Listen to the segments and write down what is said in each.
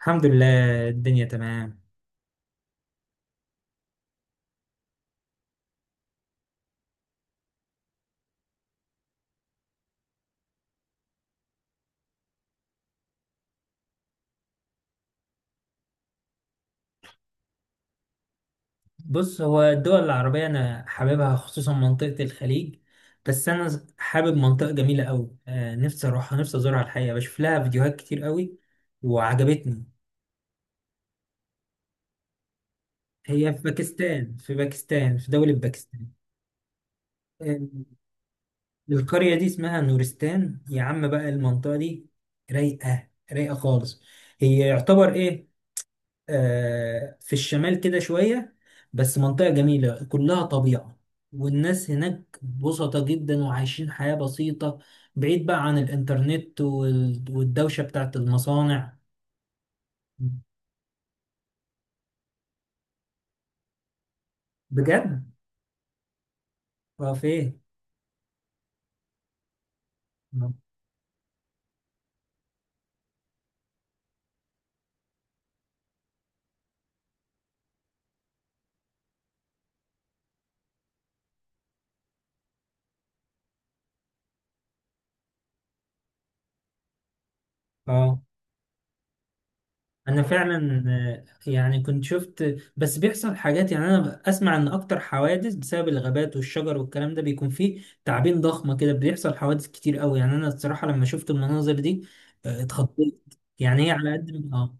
الحمد لله، الدنيا تمام. بص، هو الدول العربية أنا حاببها خصوصا منطقة الخليج. بس أنا حابب منطقة جميلة أوي. نفسي أروحها، نفسي أزورها. الحقيقة بشوف لها فيديوهات كتير أوي وعجبتني. هي في دولة باكستان. آه القرية دي اسمها نورستان، يا عم، بقى المنطقة دي رايقة رايقة خالص. هي يعتبر إيه، في الشمال كده شوية، بس منطقة جميلة كلها طبيعة. والناس هناك بسطة جدا وعايشين حياة بسيطة، بعيد بقى عن الإنترنت والدوشة بتاعت المصانع. بجد. اه، فين؟ اه، انا فعلا. يعني كنت شفت، بس بيحصل حاجات. يعني انا اسمع ان اكتر حوادث بسبب الغابات والشجر والكلام ده بيكون فيه تعابين ضخمة كده، بيحصل حوادث كتير قوي. يعني انا الصراحة لما شفت المناظر دي اتخضيت. يعني هي على قد ما- اه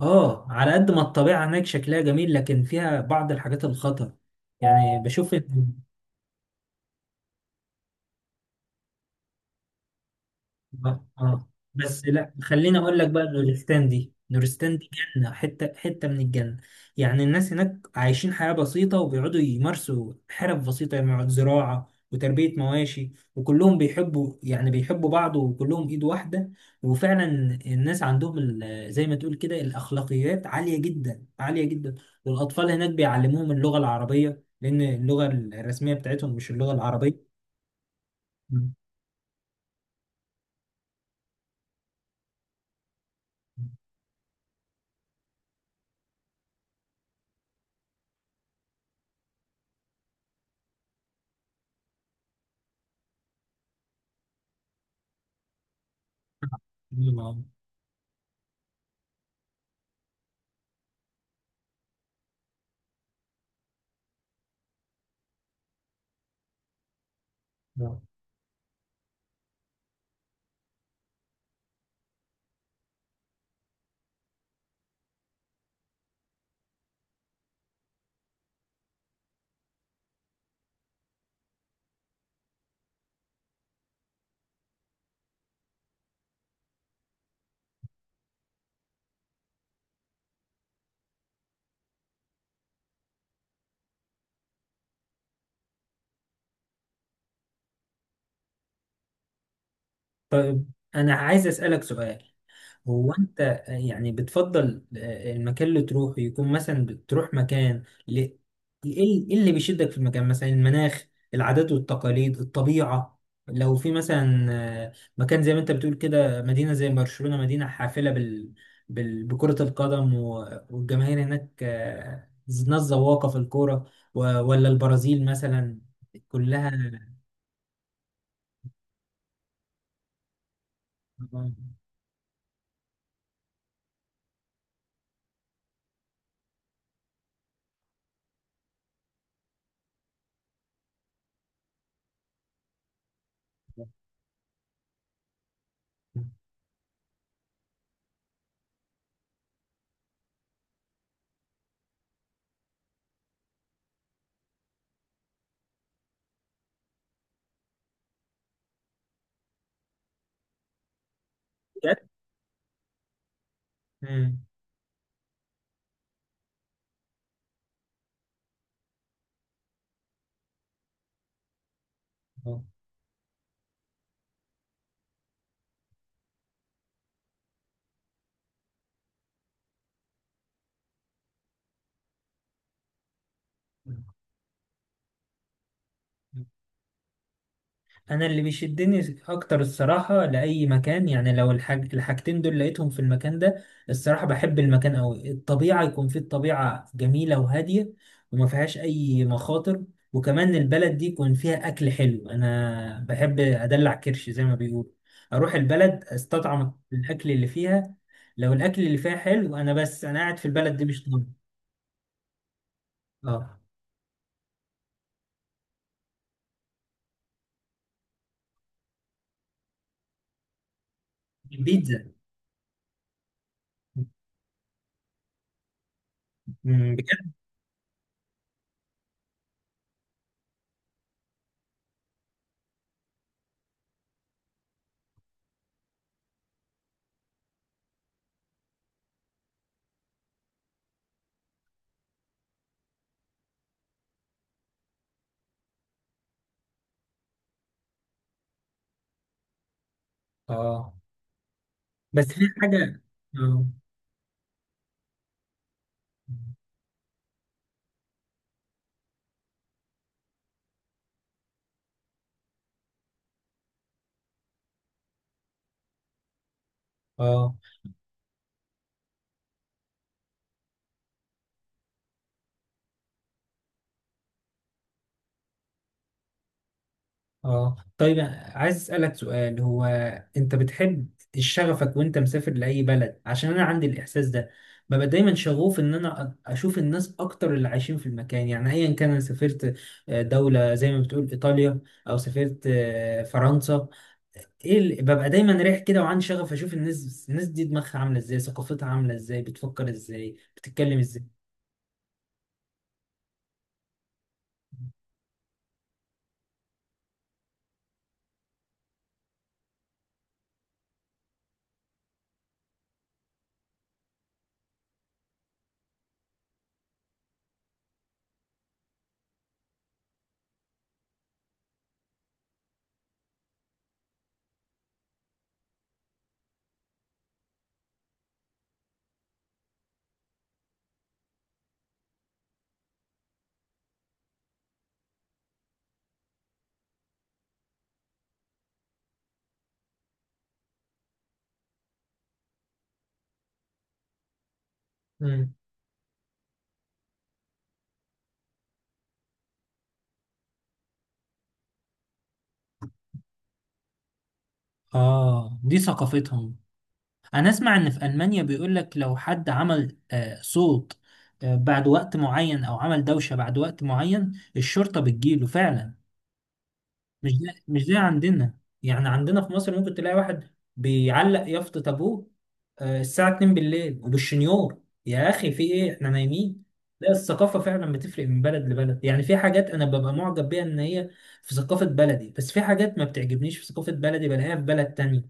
اه على قد ما الطبيعة هناك شكلها جميل، لكن فيها بعض الحاجات الخطر. يعني بشوف إن اه. اه، بس لا، خليني اقول لك بقى. نورستان دي، نورستان دي جنه، حته حته من الجنه. يعني الناس هناك عايشين حياه بسيطه، وبيقعدوا يمارسوا حرف بسيطه. يعني يقعد زراعه وتربيه مواشي، وكلهم بيحبوا، يعني بيحبوا بعض، وكلهم ايد واحده. وفعلا الناس عندهم زي ما تقول كده الاخلاقيات عاليه جدا، عاليه جدا. والاطفال هناك بيعلموهم اللغه العربيه، لان اللغه الرسميه بتاعتهم مش اللغه العربيه. مم. آه. طيب، أنا عايز أسألك سؤال. هو أنت يعني بتفضل المكان اللي تروحه يكون مثلا، بتروح مكان إيه؟ إيه اللي بيشدك في المكان، مثلا المناخ، العادات والتقاليد، الطبيعة؟ لو في مثلا آه، مكان زي ما أنت بتقول كده، مدينة زي برشلونة، مدينة حافلة بكرة القدم والجماهير هناك، ناس ذواقة في الكورة، ولا البرازيل مثلا كلها؟ آه، بجد؟ مم. انا اللي بيشدني اكتر الصراحه لاي مكان، يعني لو الحاجتين دول لقيتهم في المكان ده، الصراحه بحب المكان قوي. الطبيعه يكون فيه الطبيعه جميله وهاديه، وما فيهاش اي مخاطر. وكمان البلد دي يكون فيها اكل حلو. انا بحب ادلع كرش زي ما بيقولوا، اروح البلد استطعم الاكل اللي فيها. لو الاكل اللي فيها حلو، انا بس انا قاعد في البلد دي مش طالب. اه. البيتزا. بجد. اه، بس في حاجه. اه. اه، اه طيب، عايز اسالك سؤال. هو انت بتحب شغفك وانت مسافر لاي بلد؟ عشان انا عندي الاحساس ده، ببقى دايما شغوف ان انا اشوف الناس اكتر اللي عايشين في المكان. يعني ايا كان انا سافرت دوله زي ما بتقول ايطاليا، او سافرت فرنسا، ايه اللي ببقى دايما رايح كده وعندي شغف اشوف الناس؟ الناس دي دماغها عامله ازاي، ثقافتها عامله ازاي، بتفكر ازاي، بتتكلم ازاي؟ مم. اه، دي ثقافتهم. انا اسمع ان في المانيا بيقول لك لو حد عمل صوت، بعد وقت معين، او عمل دوشة بعد وقت معين، الشرطة بتجيله فعلا. مش ده عندنا. يعني عندنا في مصر ممكن تلاقي واحد بيعلق يافطة ابوه الساعة 2 بالليل وبالشنيور. يا اخي، في ايه؟ احنا نايمين. لا، الثقافة فعلا بتفرق من بلد لبلد. يعني في حاجات انا ببقى معجب بيها ان هي في ثقافة بلدي، بس في حاجات ما بتعجبنيش في ثقافة بلدي بلاقيها في بلد تانية.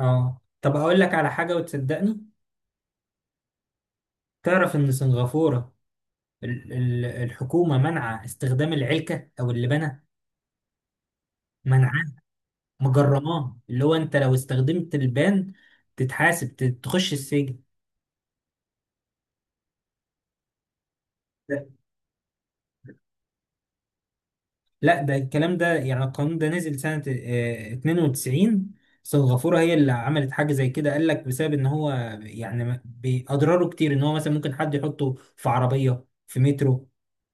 اه، طب اقول لك على حاجة وتصدقني. تعرف إن سنغافورة، الحكومة منع استخدام العلكة أو اللبانة، منعاه، مجرماه. اللي هو أنت لو استخدمت البان تتحاسب، تخش السجن. ده- لا، ده الكلام ده، يعني القانون ده نزل سنة 92. سنغافورة هي اللي عملت حاجة زي كده. قال لك بسبب إن هو يعني بأضراره كتير. إن هو مثلا ممكن حد يحطه في عربية، في مترو،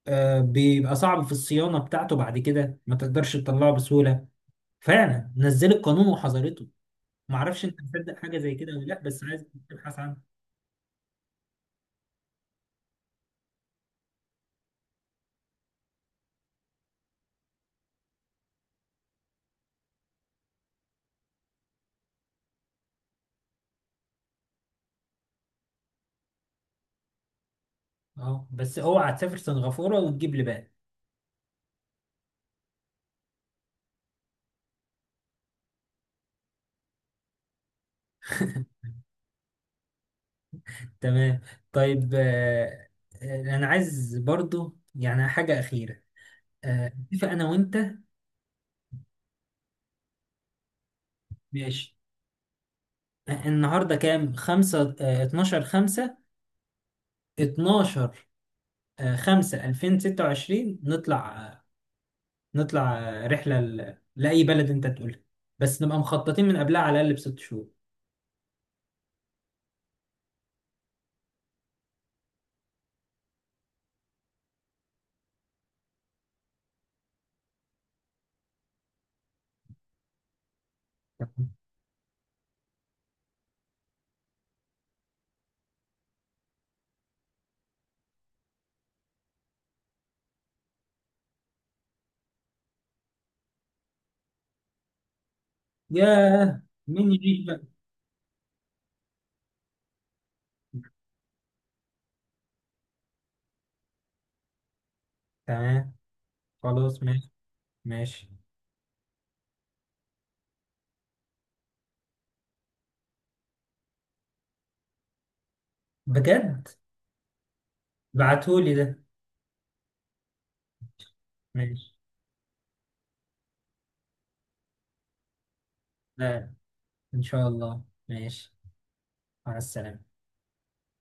بيبقى صعب في الصيانة بتاعته، بعد كده ما تقدرش تطلعه بسهولة. فعلا نزلت قانون وحظرته. ما اعرفش انت مصدق حاجه زي كده ولا لا، بس عايز تبحث عنها. اه، بس اوعى تسافر سنغافوره وتجيب لي بقى. تمام. طيب. انا عايز برضو يعني حاجه اخيره. آه اتفق انا وانت. ماشي. النهارده كام؟ 5، آه، 12، 5، 12، آه، 5، 2026. نطلع رحله لاي بلد انت تقولها، بس نبقى مخططين من قبلها على الاقل ب6 شهور. ياه. مين يجي بقى؟ تمام. خلاص، ماشي. ماشي. بجد؟ بعتولي ده. ماشي. لا، ان شاء الله. ماشي. مع السلامة،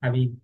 حبيبي.